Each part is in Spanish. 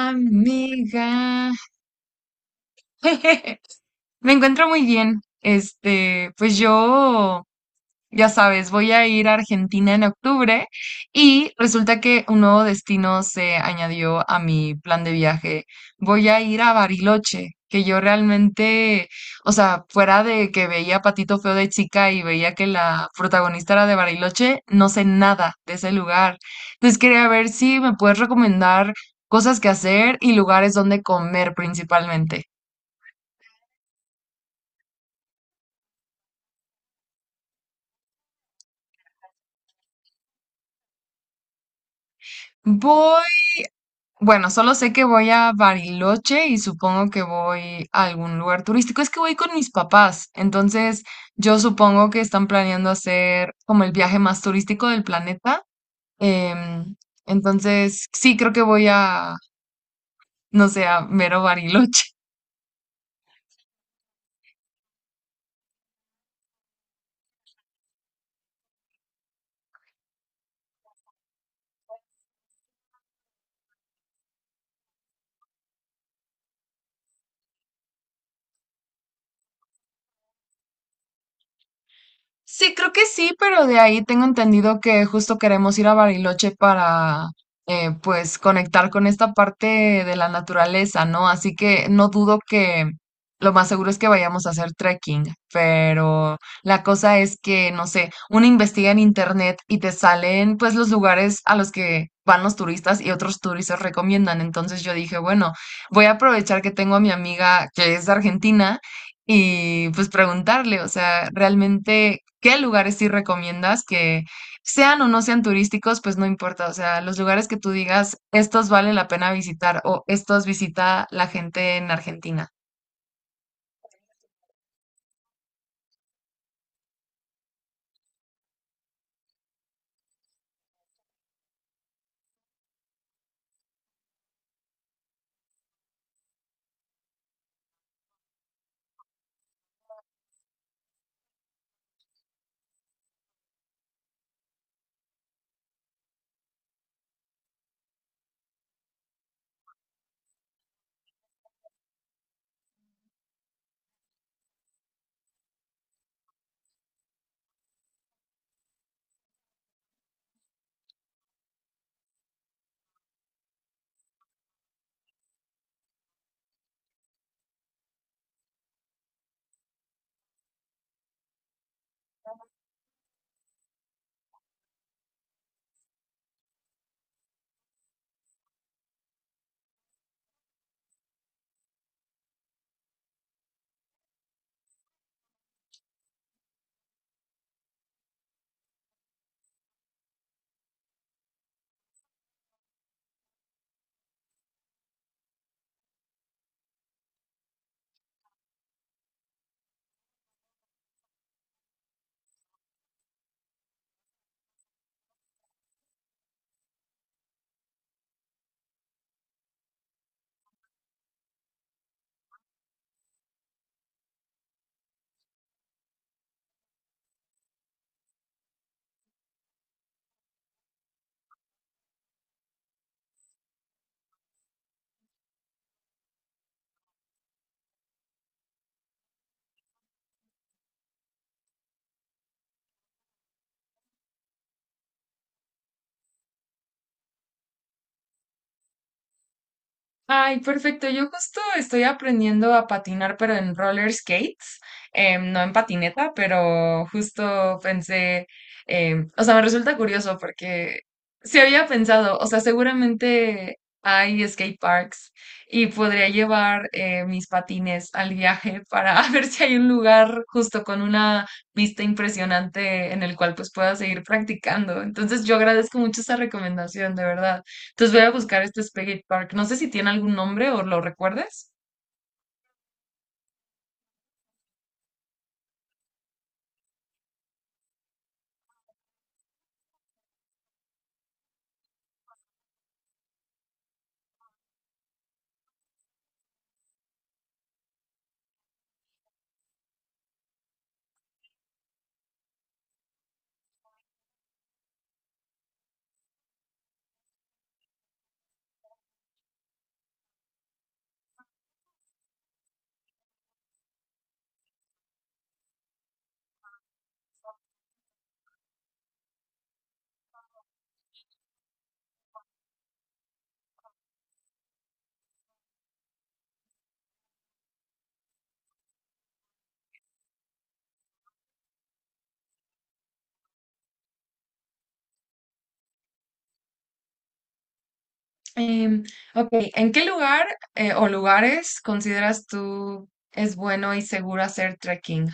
Amiga, me encuentro muy bien. Pues yo ya sabes, voy a ir a Argentina en octubre y resulta que un nuevo destino se añadió a mi plan de viaje. Voy a ir a Bariloche, que yo realmente, o sea, fuera de que veía Patito Feo de chica y veía que la protagonista era de Bariloche, no sé nada de ese lugar. Entonces quería ver si me puedes recomendar cosas que hacer y lugares donde comer principalmente. Voy Bueno, solo sé que voy a Bariloche y supongo que voy a algún lugar turístico. Es que voy con mis papás, entonces yo supongo que están planeando hacer como el viaje más turístico del planeta. em, entonces, sí, creo que voy a, no sé, a mero Bariloche. Sí, creo que sí, pero de ahí tengo entendido que justo queremos ir a Bariloche para, pues, conectar con esta parte de la naturaleza, ¿no? Así que no dudo que lo más seguro es que vayamos a hacer trekking, pero la cosa es que, no sé, uno investiga en internet y te salen, pues, los lugares a los que van los turistas y otros turistas recomiendan. Entonces yo dije, bueno, voy a aprovechar que tengo a mi amiga que es de Argentina y pues preguntarle, o sea, realmente qué lugares sí recomiendas que sean o no sean turísticos, pues no importa, o sea, los lugares que tú digas, estos vale la pena visitar o estos visita la gente en Argentina. Ay, perfecto. Yo justo estoy aprendiendo a patinar, pero en roller skates, no en patineta, pero justo pensé, o sea, me resulta curioso porque se había pensado, o sea, seguramente hay skate parks y podría llevar mis patines al viaje para ver si hay un lugar justo con una vista impresionante en el cual pues pueda seguir practicando. Entonces, yo agradezco mucho esa recomendación, de verdad. Entonces voy a buscar este Spaghetti Park. No sé si tiene algún nombre o lo recuerdes. Em, ok, ¿en qué lugar o lugares consideras tú es bueno y seguro hacer trekking?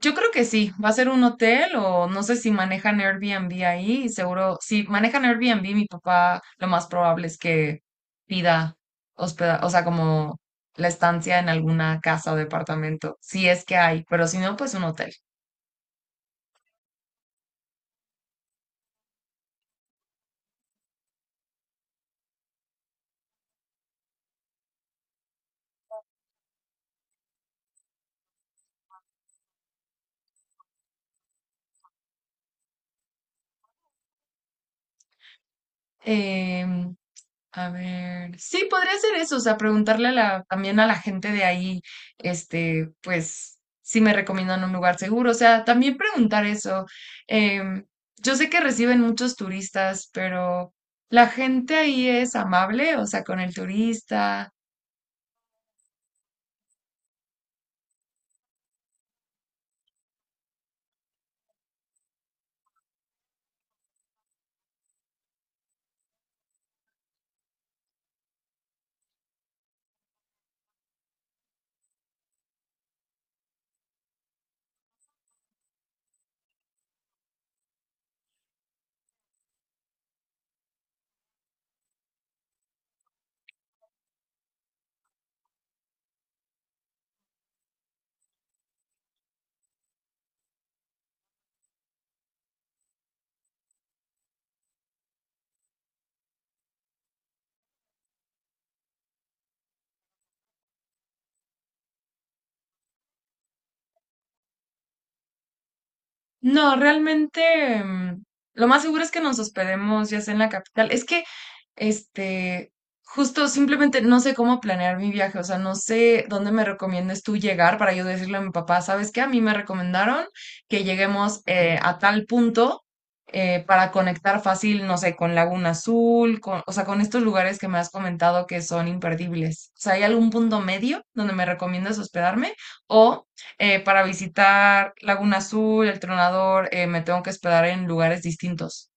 Yo creo que sí, va a ser un hotel o no sé si manejan Airbnb ahí y seguro, si manejan Airbnb, mi papá lo más probable es que pida hospeda, o sea, como la estancia en alguna casa o departamento, si es que hay, pero si no, pues un hotel. Em, A ver, sí, podría ser eso, o sea, preguntarle a también a la gente de ahí, pues, si me recomiendan un lugar seguro, o sea, también preguntar eso. Em, yo sé que reciben muchos turistas, pero la gente ahí es amable, o sea, con el turista. No, realmente lo más seguro es que nos hospedemos ya sea en la capital. Es que, este, justo simplemente no sé cómo planear mi viaje, o sea, no sé dónde me recomiendes tú llegar para yo decirle a mi papá, ¿sabes qué? A mí me recomendaron que lleguemos a tal punto para conectar fácil, no sé, con Laguna Azul, con, o sea, con estos lugares que me has comentado que son imperdibles. O sea, ¿hay algún punto medio donde me recomiendas hospedarme? O para visitar Laguna Azul, El Tronador, me tengo que hospedar en lugares distintos.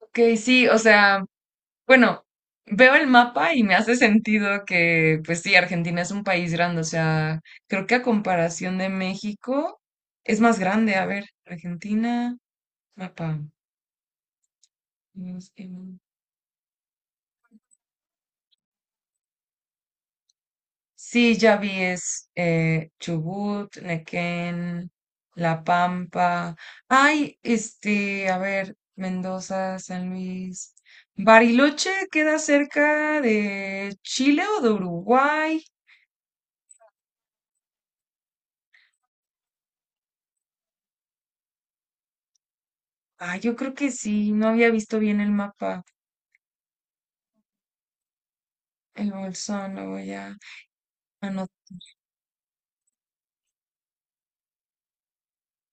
Ok, sí, o sea, bueno, veo el mapa y me hace sentido que, pues sí, Argentina es un país grande, o sea, creo que a comparación de México es más grande. A ver, Argentina, mapa. Sí, ya vi, es Chubut, Nequén, La Pampa. Ay, a ver, Mendoza, San Luis. Bariloche queda cerca de Chile o de Uruguay. Ah, yo creo que sí, no había visto bien el mapa. El bolsón, lo voy a anotar.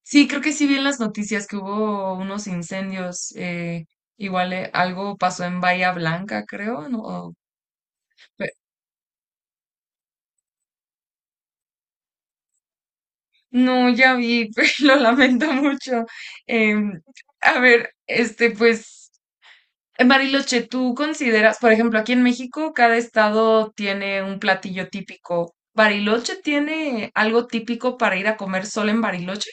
Sí, creo que sí vi en las noticias que hubo unos incendios. Igual algo pasó en Bahía Blanca, creo, ¿no? No, ya vi, pues, lo lamento mucho. Em, a ver, pues, en Bariloche, ¿tú consideras, por ejemplo, aquí en México, cada estado tiene un platillo típico? ¿Bariloche tiene algo típico para ir a comer solo en Bariloche?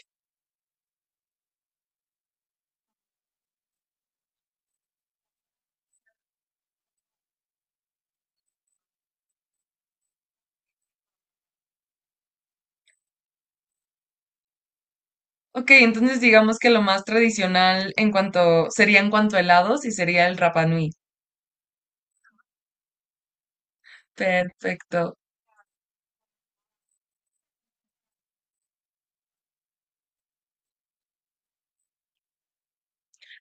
Ok, entonces digamos que lo más tradicional en cuanto, sería en cuanto a helados y sería el Rapa Nui. Perfecto.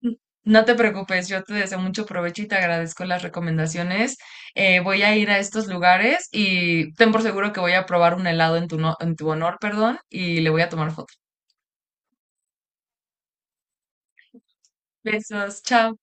N- No te preocupes, yo te deseo mucho provecho y te agradezco las recomendaciones. Voy a ir a estos lugares y ten por seguro que voy a probar un helado en tu, en tu honor, perdón, y le voy a tomar foto. Besos, chao.